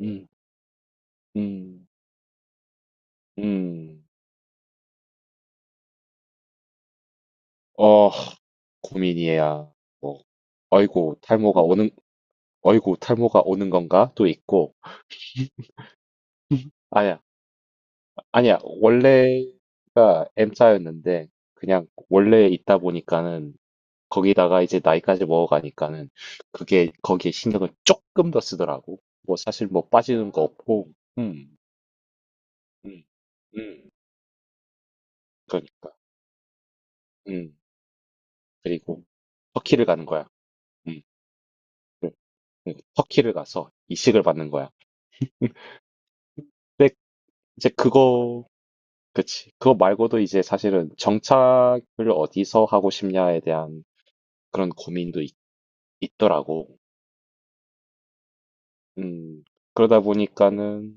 음. 음. 음. 어. 고민이야. 뭐 "어이구 탈모가 오는 어이구 탈모가 오는 건가?" 또 있고 아니야. 아니야. 원래가 M자였는데 그냥 원래 있다 보니까는 거기다가 이제 나이까지 먹어가니까는 그게 거기에 신경을 쪼끔 더 쓰더라고. 뭐 사실 뭐 빠지는 거 없고 음. 음. 음. 그러니까. 음. 그리고 터키를 가는 거야. 음. 네. 터키를 가서 이식을 받는 거야. 근데 이제 그치. 그거 말고도 이제 사실은 정착을 어디서 하고 싶냐에 대한 그런 고민도 더라고. 음, 그러다 보니까는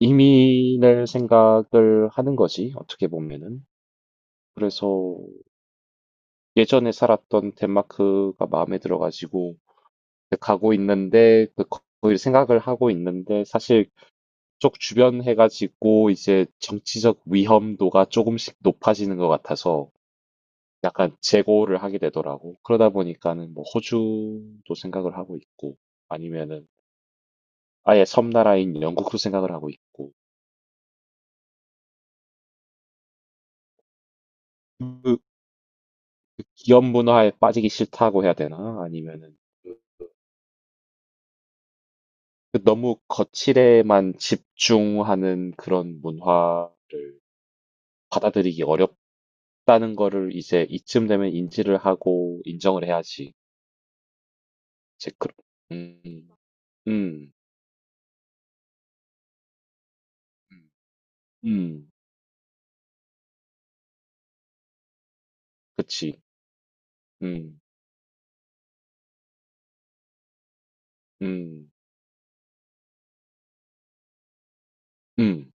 이민을 생각을 하는 거지, 어떻게 보면은. 그래서 예전에 살았던 덴마크가 마음에 들어가지고 가고 있는데, 거기 생각을 하고 있는데, 사실 쪽 주변 해가 지고 이제 정치적 위험도가 조금씩 높아지는 것 같아서 약간 재고를 하게 되더라고. 그러다 보니까는 뭐 호주도 생각을 하고 있고 아니면은 아예 섬나라인 영국도 생각을 하고 있고 그, 그 기업 문화에 빠지기 싫다고 해야 되나? 아니면은 그- 그 너무 거칠에만 집중하는 그런 문화를 받아들이기 어렵다는 거를 이제 이쯤 되면 인지를 하고 인정을 해야지. 제, 그, 음, 음. 음. 그치. 음. 음. 음.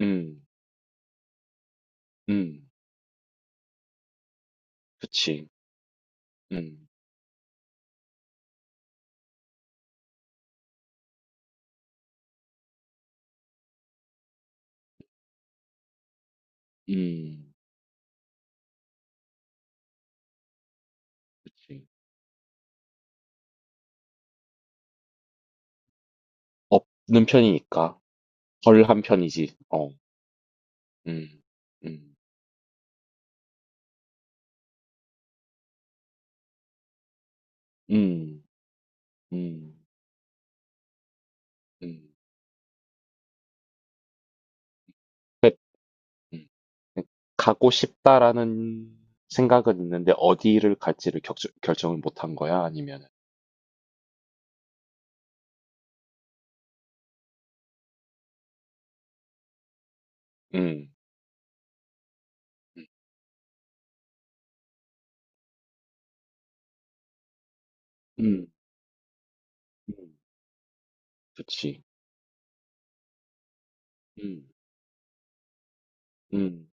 음. 음. 그치. 음. 음. 그치. 없는 편이니까. 덜한 편이지. 어. 음. 음. 음. 음. 음. 그- 음. 음. 가고 싶다라는 생각은 있는데 어디를 갈지를 격 결정을 못한 거야? 아니면 음. 음. 음. 그치. 음. 음.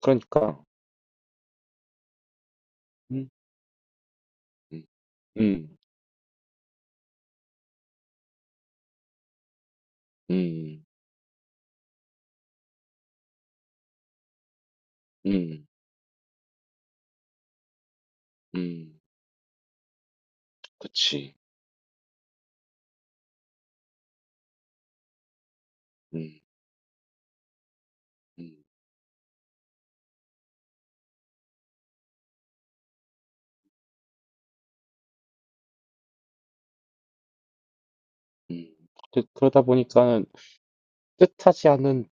그러니까. 음. 음. 음. 음. 음. 음. 그치. 음. 음. 음. 그러다 보니까는 뜻하지 않은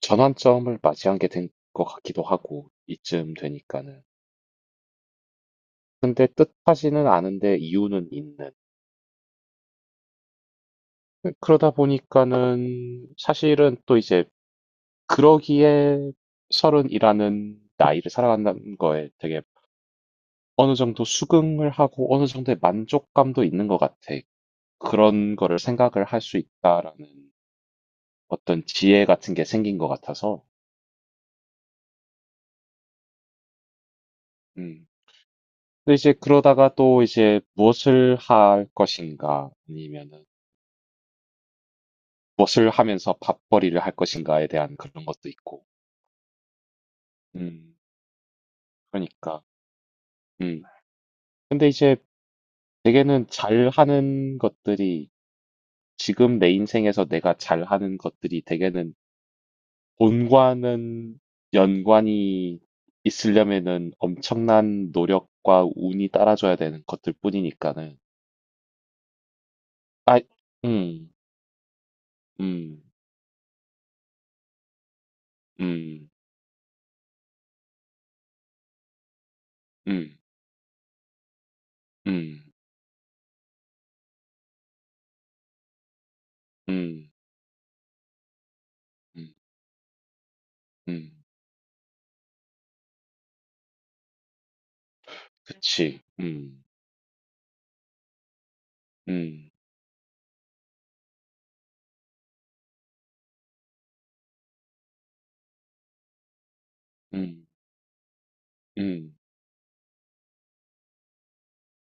전환점을 맞이한 게 된 것 같기도 하고, 이쯤 되니까는. 근데 뜻하지는 않은데 이유는 있는. 그러다 보니까는 사실은 또 이제 그러기에 서른이라는 나이를 살아간다는 거에 되게 어느 정도 수긍을 하고 어느 정도의 만족감도 있는 것 같아. 그런 거를 생각을 할 수 있다라는 어떤 지혜 같은 게 생긴 것 같아서. 음. 근데 이제 그러다가 또 이제 무엇을 할 것인가 아니면은 무엇을 하면서 밥벌이를 할 것인가에 대한 그런 것도 있고. 음. 그러니까. 음. 근데 이제 대개는 잘하는 것들이 지금 내 인생에서 내가 잘하는 것들이 대개는 본과는 연관이 있으려면은 엄청난 노력과 운이 따라줘야 되는 것들 뿐이니까는. 아, 음, 음. 음. 음. 음. 음. 음. 음. 그치. 음. 음. 음. 음.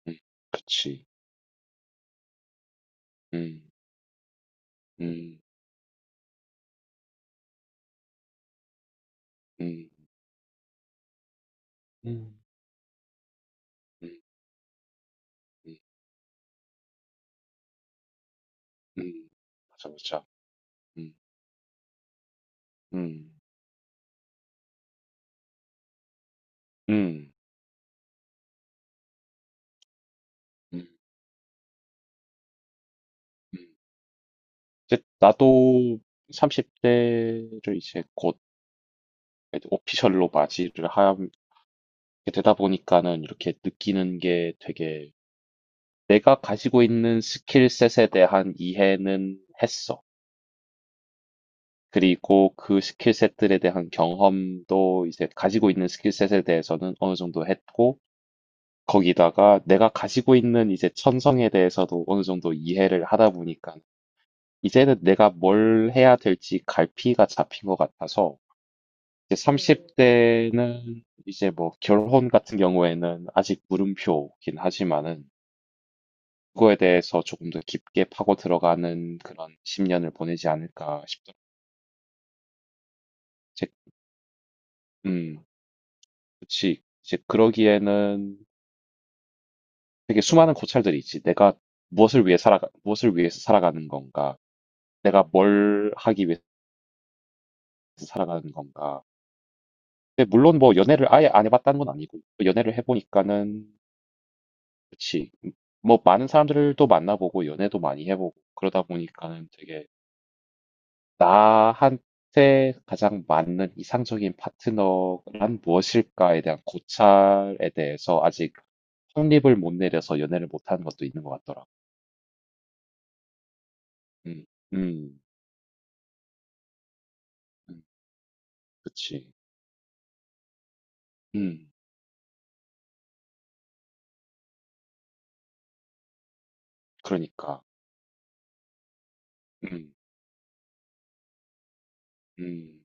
음. 그치. 음. 음. 음. 음. 음. 음. 음. 맞아, 맞아. 음. 음. 음. 음. 음. 이제 나도 30대를 이제 곧 오피셜로 맞이를 하게 되다 보니까는 이렇게 느끼는 게 되게 내가 가지고 있는 스킬셋에 대한 이해는 했어. 그리고 그 스킬셋들에 대한 경험도 이제 가지고 있는 스킬셋에 대해서는 어느 정도 했고, 거기다가 내가 가지고 있는 이제 천성에 대해서도 어느 정도 이해를 하다 보니까 이제는 내가 뭘 해야 될지 갈피가 잡힌 것 같아서 이제 30대는 이제 뭐 결혼 같은 경우에는 아직 물음표긴 하지만은 그거에 대해서 조금 더 깊게 파고 들어가는 그런 10년을 보내지 않을까 싶더라고요. 이제, 음, 그치. 이제 그러기에는 되게 수많은 고찰들이 있지. 내가 무엇을 위해서 살아가는 건가? 내가 뭘 하기 위해서 살아가는 건가? 근데 물론 뭐 연애를 아예 안 해봤다는 건 아니고, 뭐 연애를 해보니까는, 그치. 뭐 많은 사람들도 만나보고, 연애도 많이 해보고, 그러다 보니까는 되게 나한테 가장 맞는 이상적인 파트너란 무엇일까에 대한 고찰에 대해서 아직 확립을 못 내려서 연애를 못하는 것도 있는 것 같더라고. 음, 음, 음, 그치. 음. 그러니까. 음. 음.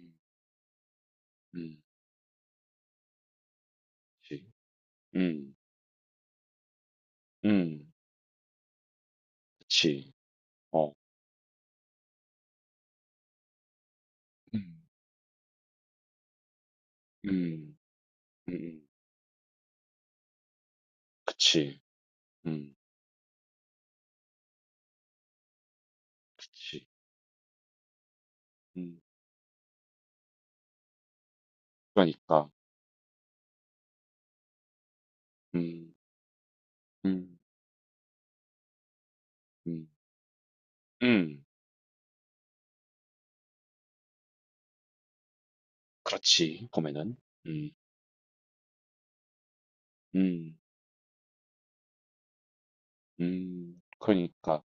음. 음. 그치. 음. 음. 그치. 어. 음. 음. 음. 그치. 음. 그치. 음. 그러니까. 음. 음. 음. 음. 그렇지. 봄에는. 음. 음. 음. 그러니까.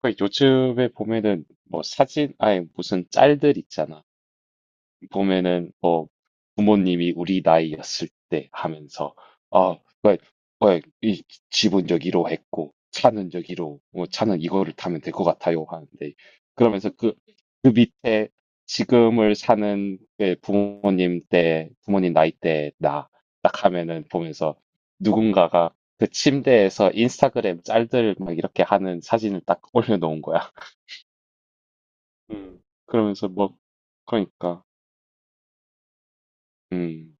그 요즘에 보면은 뭐 사진, 아니 무슨 짤들 있잖아. 보면은 뭐 부모님이 우리 나이였을 때 하면서 아, 왜, 왜, 이 집은 여기로 했고 차는 여기로 뭐 차는 이거를 타면 될 것 같아요 하는데 그러면서 그 밑에 지금을 사는 부모님 나이 때 나 딱 하면은 보면서 누군가가 그 침대에서 인스타그램 짤들 막 이렇게 하는 사진을 딱 올려놓은 거야. 음. 그러면서 뭐 그러니까 음,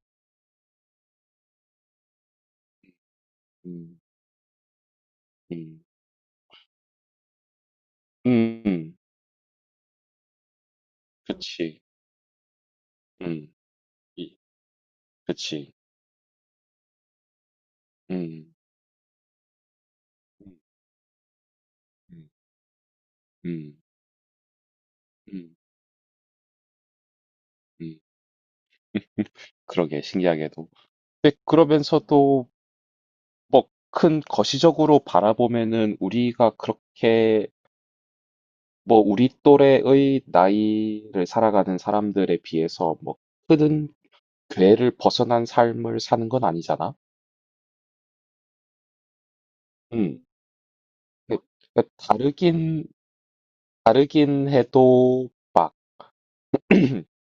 음, 음. 음. 음. 그치. 음. 이 그치. 음. 음. 음. 음. 음. 음. 그러게 신기하게도. 근데 그러면서도 뭐 큰 거시적으로 바라보면은 우리가 그렇게 뭐 우리 또래의 나이를 살아가는 사람들에 비해서 뭐 큰 궤를 벗어난 삶을 사는 건 아니잖아. 음. 그- 그 다르긴 해도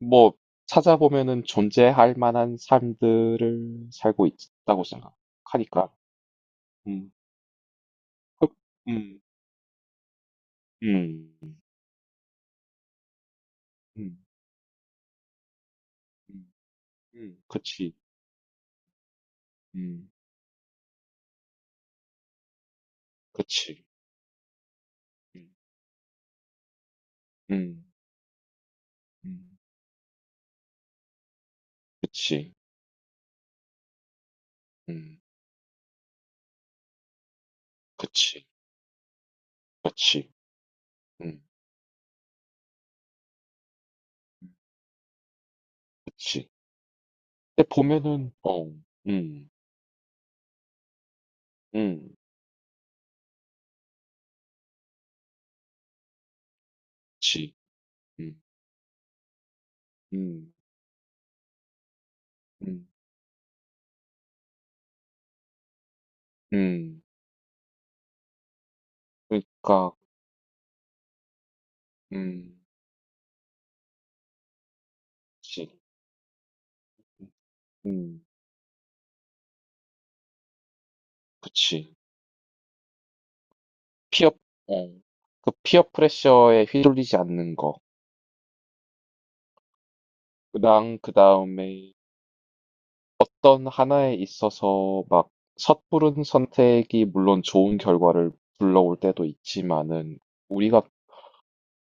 뭐 찾아보면은 존재할 만한 삶들을 살고 있다고 생각하니까. 음, 그, 음, 음, 음, 음, 그치, 음, 그치, 음, 음, 음, 그치, 음, 그치, 그치, 음, 음, 그치. 근데 보면은, 어, 음, 음, 그치, 음, 음, 음, 음, 그러니까, 음, 그치, 음, 음, 그치. 피어, 어, 그 피어 프레셔에 휘둘리지 않는 거랑 그 다음에 어떤 하나에 있어서 막 섣부른 선택이 물론 좋은 결과를 불러올 때도 있지만은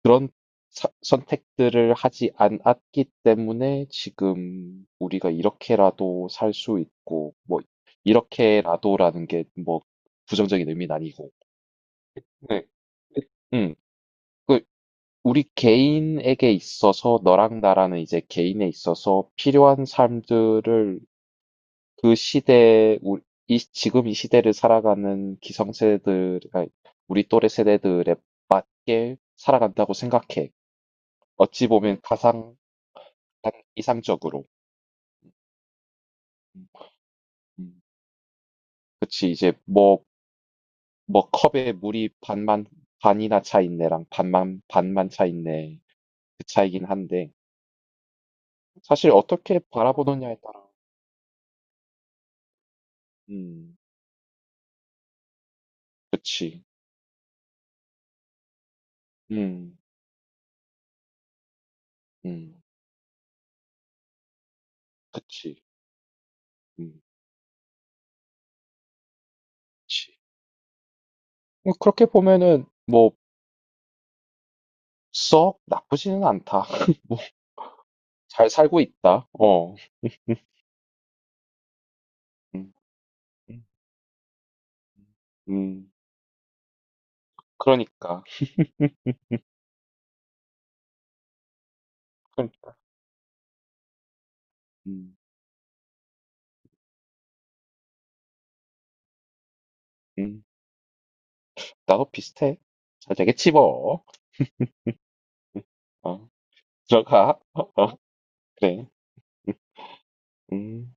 그런 선택들을 하지 않았기 때문에 지금 우리가 이렇게라도 살 수 있고 뭐 이렇게라도라는 게 뭐 부정적인 의미는 아니고 네. 음, 그 우리 개인에게 있어서 너랑 나라는 이제 개인에 있어서 필요한 삶들을 그 시대에 우- 이 지금 이 시대를 살아가는 기성세대들 아니, 우리 또래 세대들에게 살아간다고 생각해. 어찌 보면 가상 이상적으로. 음. 그치 이제 뭐 뭐 컵에 물이 반만 반이나 차 있네랑 반만 차 있네 그 차이긴 한데 사실 어떻게 바라보느냐에 따라. 음 그치. 음. 음. 그치. 음. 그치. 뭐 그렇게 보면은 뭐 썩 나쁘지는 않다. 잘 살고 있다. 어. 음. 음, 음. 음. 그러니까. 그러니까. 음. 음. 나도 비슷해. 잘 되겠지 뭐. 어. 들어가. 어. 그래. 음. 음.